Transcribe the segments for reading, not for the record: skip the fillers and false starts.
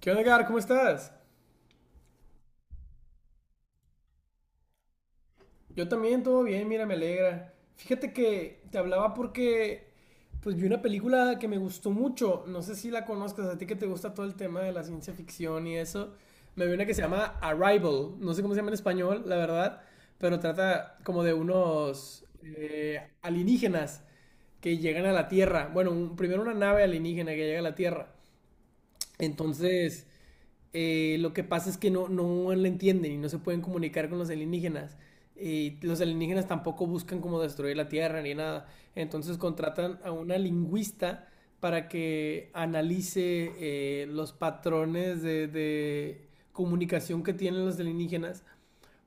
¿Qué onda, Edgar? ¿Cómo estás? Yo también, todo bien, mira, me alegra. Fíjate que te hablaba porque pues vi una película que me gustó mucho. No sé si la conozcas, a ti que te gusta todo el tema de la ciencia ficción y eso. Me vi una que se llama Arrival. No sé cómo se llama en español, la verdad, pero trata como de unos alienígenas que llegan a la Tierra. Bueno, primero una nave alienígena que llega a la Tierra. Entonces, lo que pasa es que no la entienden y no se pueden comunicar con los alienígenas. Y los alienígenas tampoco buscan como destruir la Tierra ni nada. Entonces contratan a una lingüista para que analice los patrones de comunicación que tienen los alienígenas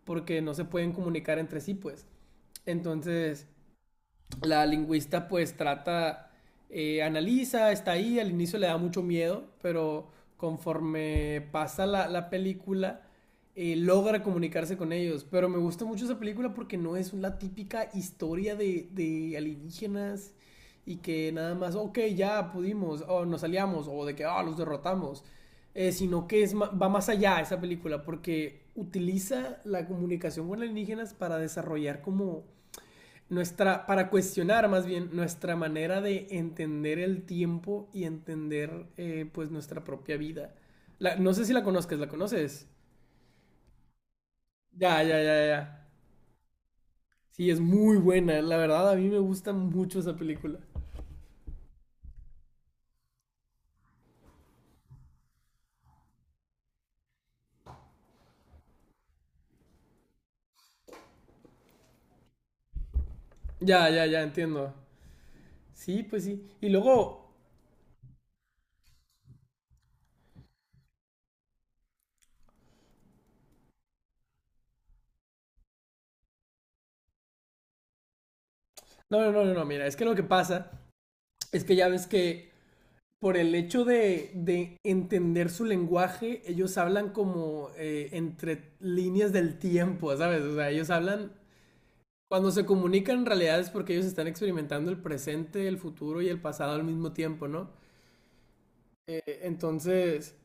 porque no se pueden comunicar entre sí, pues. Entonces, la lingüista pues trata, analiza, está ahí, al inicio le da mucho miedo, pero conforme pasa la película, logra comunicarse con ellos. Pero me gusta mucho esa película porque no es la típica historia de alienígenas y que nada más, ok, ya pudimos, o nos aliamos, o de que, ah, oh, los derrotamos. Sino que es va más allá esa película porque utiliza la comunicación con alienígenas para desarrollar como nuestra, para cuestionar más bien nuestra manera de entender el tiempo y entender pues nuestra propia vida. No sé si la conozcas, ¿la conoces? Ya, ya, ya, ya. Sí, es muy buena, la verdad a mí me gusta mucho esa película. Ya, ya, ya, entiendo. Sí, pues sí. Y luego, no, no, no, no, no, mira, es que lo que pasa es que ya ves que por el hecho de entender su lenguaje, ellos hablan como entre líneas del tiempo, ¿sabes? O sea, ellos hablan. Cuando se comunican en realidad es porque ellos están experimentando el presente, el futuro y el pasado al mismo tiempo, ¿no? Entonces,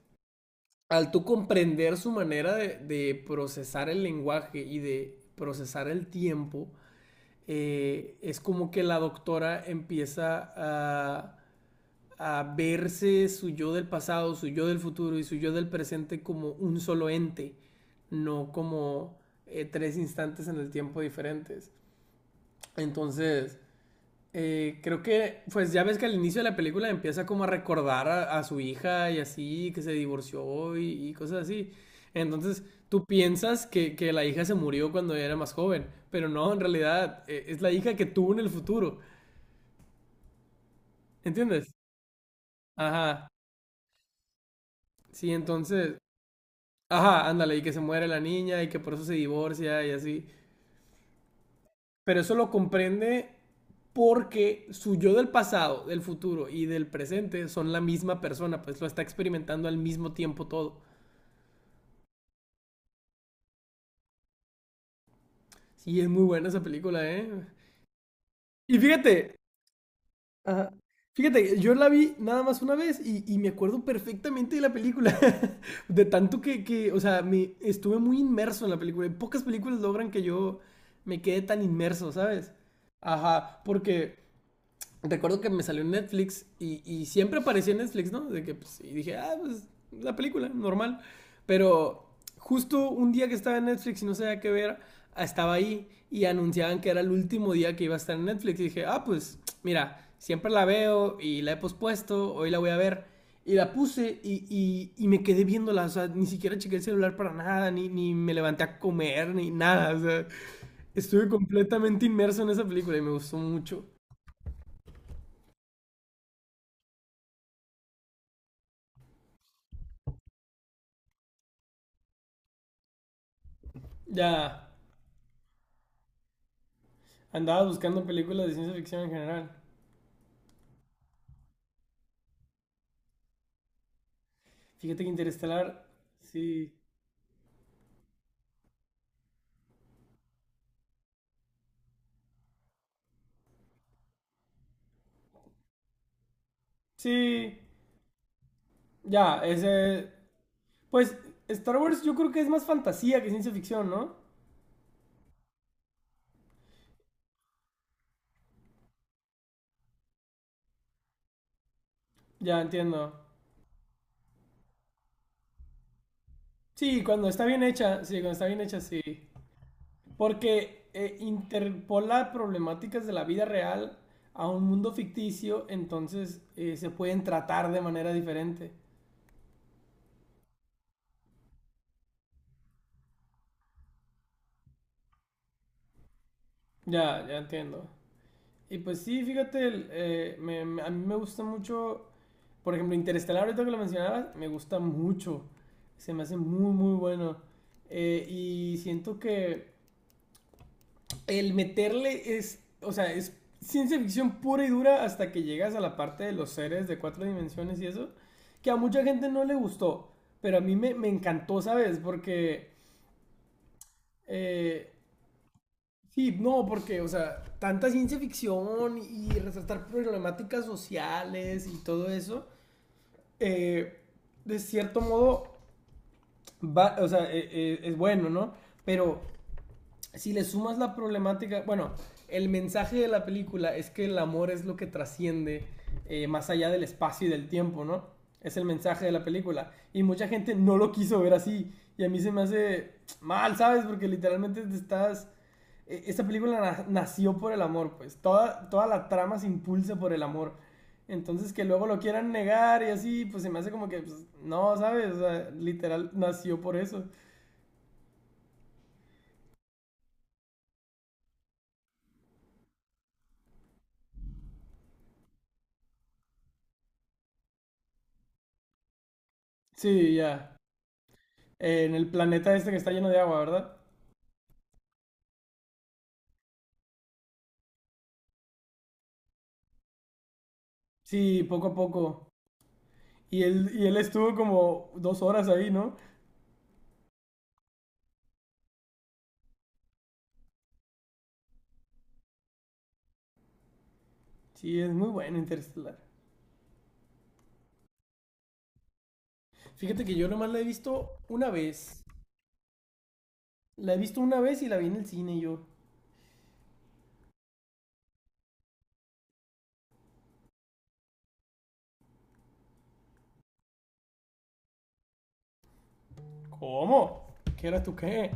al tú comprender su manera de procesar el lenguaje y de procesar el tiempo, es como que la doctora empieza a verse su yo del pasado, su yo del futuro y su yo del presente como un solo ente, no como tres instantes en el tiempo diferentes. Entonces, creo que, pues ya ves que al inicio de la película empieza como a recordar a su hija y así, que se divorció y cosas así. Entonces, tú piensas que la hija se murió cuando era más joven, pero no, en realidad es la hija que tuvo en el futuro, ¿entiendes? Ajá, sí, entonces, ajá, ándale, y que se muere la niña y que por eso se divorcia y así. Pero eso lo comprende porque su yo del pasado, del futuro y del presente son la misma persona, pues lo está experimentando al mismo tiempo todo. Sí, es muy buena esa película, ¿eh? Y fíjate, ajá, fíjate, yo la vi nada más una vez y me acuerdo perfectamente de la película, de tanto o sea, me, estuve muy inmerso en la película. Pocas películas logran que yo me quede tan inmerso, ¿sabes? Ajá, porque recuerdo que me salió en Netflix y siempre aparecía en Netflix, ¿no? De que, pues, y dije, ah, pues, la película, normal. Pero justo un día que estaba en Netflix y no sabía qué ver, estaba ahí y anunciaban que era el último día que iba a estar en Netflix. Y dije, ah, pues, mira, siempre la veo y la he pospuesto, hoy la voy a ver. Y la puse y me quedé viéndola, o sea, ni siquiera chequé el celular para nada, ni me levanté a comer, ni nada, o sea, estuve completamente inmerso en esa película y me gustó mucho. Ya, andabas buscando películas de ciencia ficción en general. Fíjate que Interestelar, sí. Sí, ya, ese. Pues Star Wars yo creo que es más fantasía que ciencia ficción, ¿no? Ya entiendo. Sí, cuando está bien hecha, sí, cuando está bien hecha, sí. Porque interpola problemáticas de la vida real a un mundo ficticio, entonces se pueden tratar de manera diferente. Ya, ya entiendo. Y pues sí, fíjate, el, a mí me gusta mucho, por ejemplo, Interestelar, ahorita que lo mencionabas, me gusta mucho, se me hace muy, muy bueno. Y siento que el meterle es, o sea, es ciencia ficción pura y dura hasta que llegas a la parte de los seres de cuatro dimensiones y eso, que a mucha gente no le gustó, pero a mí me encantó, ¿sabes? Porque eh, sí, no, porque, o sea, tanta ciencia ficción y resaltar problemáticas sociales y todo eso, eh, de cierto modo, va, o sea, es bueno, ¿no? Pero si le sumas la problemática, bueno, el mensaje de la película es que el amor es lo que trasciende más allá del espacio y del tiempo, ¿no? Es el mensaje de la película. Y mucha gente no lo quiso ver así. Y a mí se me hace mal, ¿sabes? Porque literalmente te estás… Esta película nació por el amor, pues. Toda la trama se impulsa por el amor. Entonces que luego lo quieran negar y así, pues se me hace como que, pues, no, ¿sabes? O sea, literal nació por eso. Sí, ya. En el planeta este que está lleno de agua, ¿verdad? Sí, poco a poco. Y él estuvo como dos horas ahí, ¿no? Sí, es muy bueno Interstellar. Fíjate que yo nomás la he visto una vez. La he visto una vez y la vi en el cine y yo. ¿Cómo? ¿Qué eras tú qué?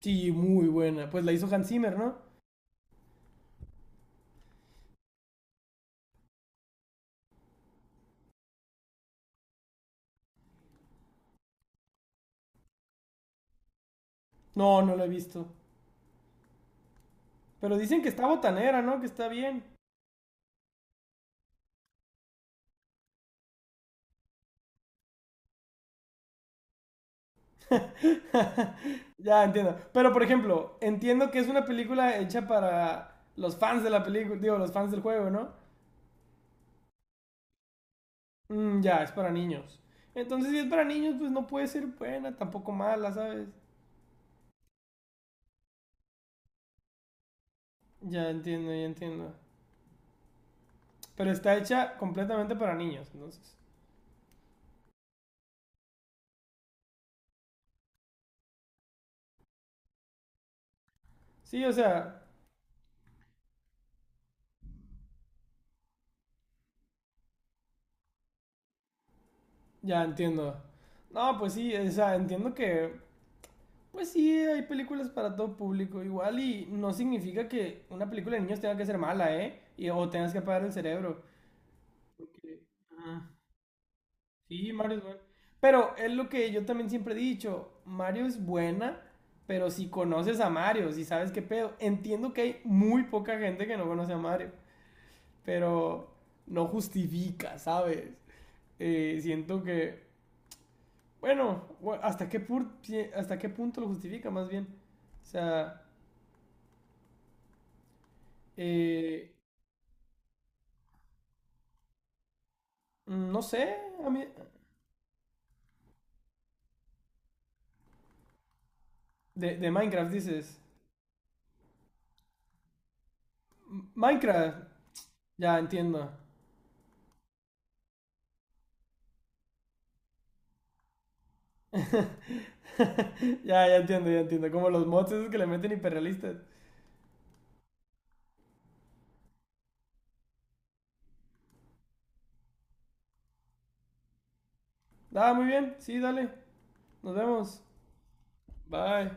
Sí, muy buena. Pues la hizo Hans Zimmer, ¿no? No, no la he visto. Pero dicen que está botanera, ¿no? Que está bien. ya entiendo. Pero por ejemplo, entiendo que es una película hecha para los fans de la película, digo, los fans del juego, ¿no? Mm, ya, es para niños. Entonces, si es para niños, pues no puede ser buena, tampoco mala, ¿sabes? Ya entiendo, ya entiendo. Pero está hecha completamente para niños, entonces. Sí, o sea, ya entiendo. No, pues sí, o sea, entiendo que, pues sí, hay películas para todo público igual y no significa que una película de niños tenga que ser mala, ¿eh? Y, o tengas que apagar el cerebro. Porque, ajá. Sí, Mario es bueno. Pero es lo que yo también siempre he dicho, Mario es buena, pero si conoces a Mario, si sabes qué pedo, entiendo que hay muy poca gente que no conoce a Mario, pero no justifica, ¿sabes? Siento que, bueno, ¿hasta qué, hasta qué punto lo justifica más bien? O sea, eh, mm, no sé, a mí… De Minecraft dices. Minecraft, ya entiendo. ya, ya entiendo, ya entiendo. Como los mods esos que le meten hiperrealistas. Ah, muy bien. Sí, dale. Nos vemos. Bye.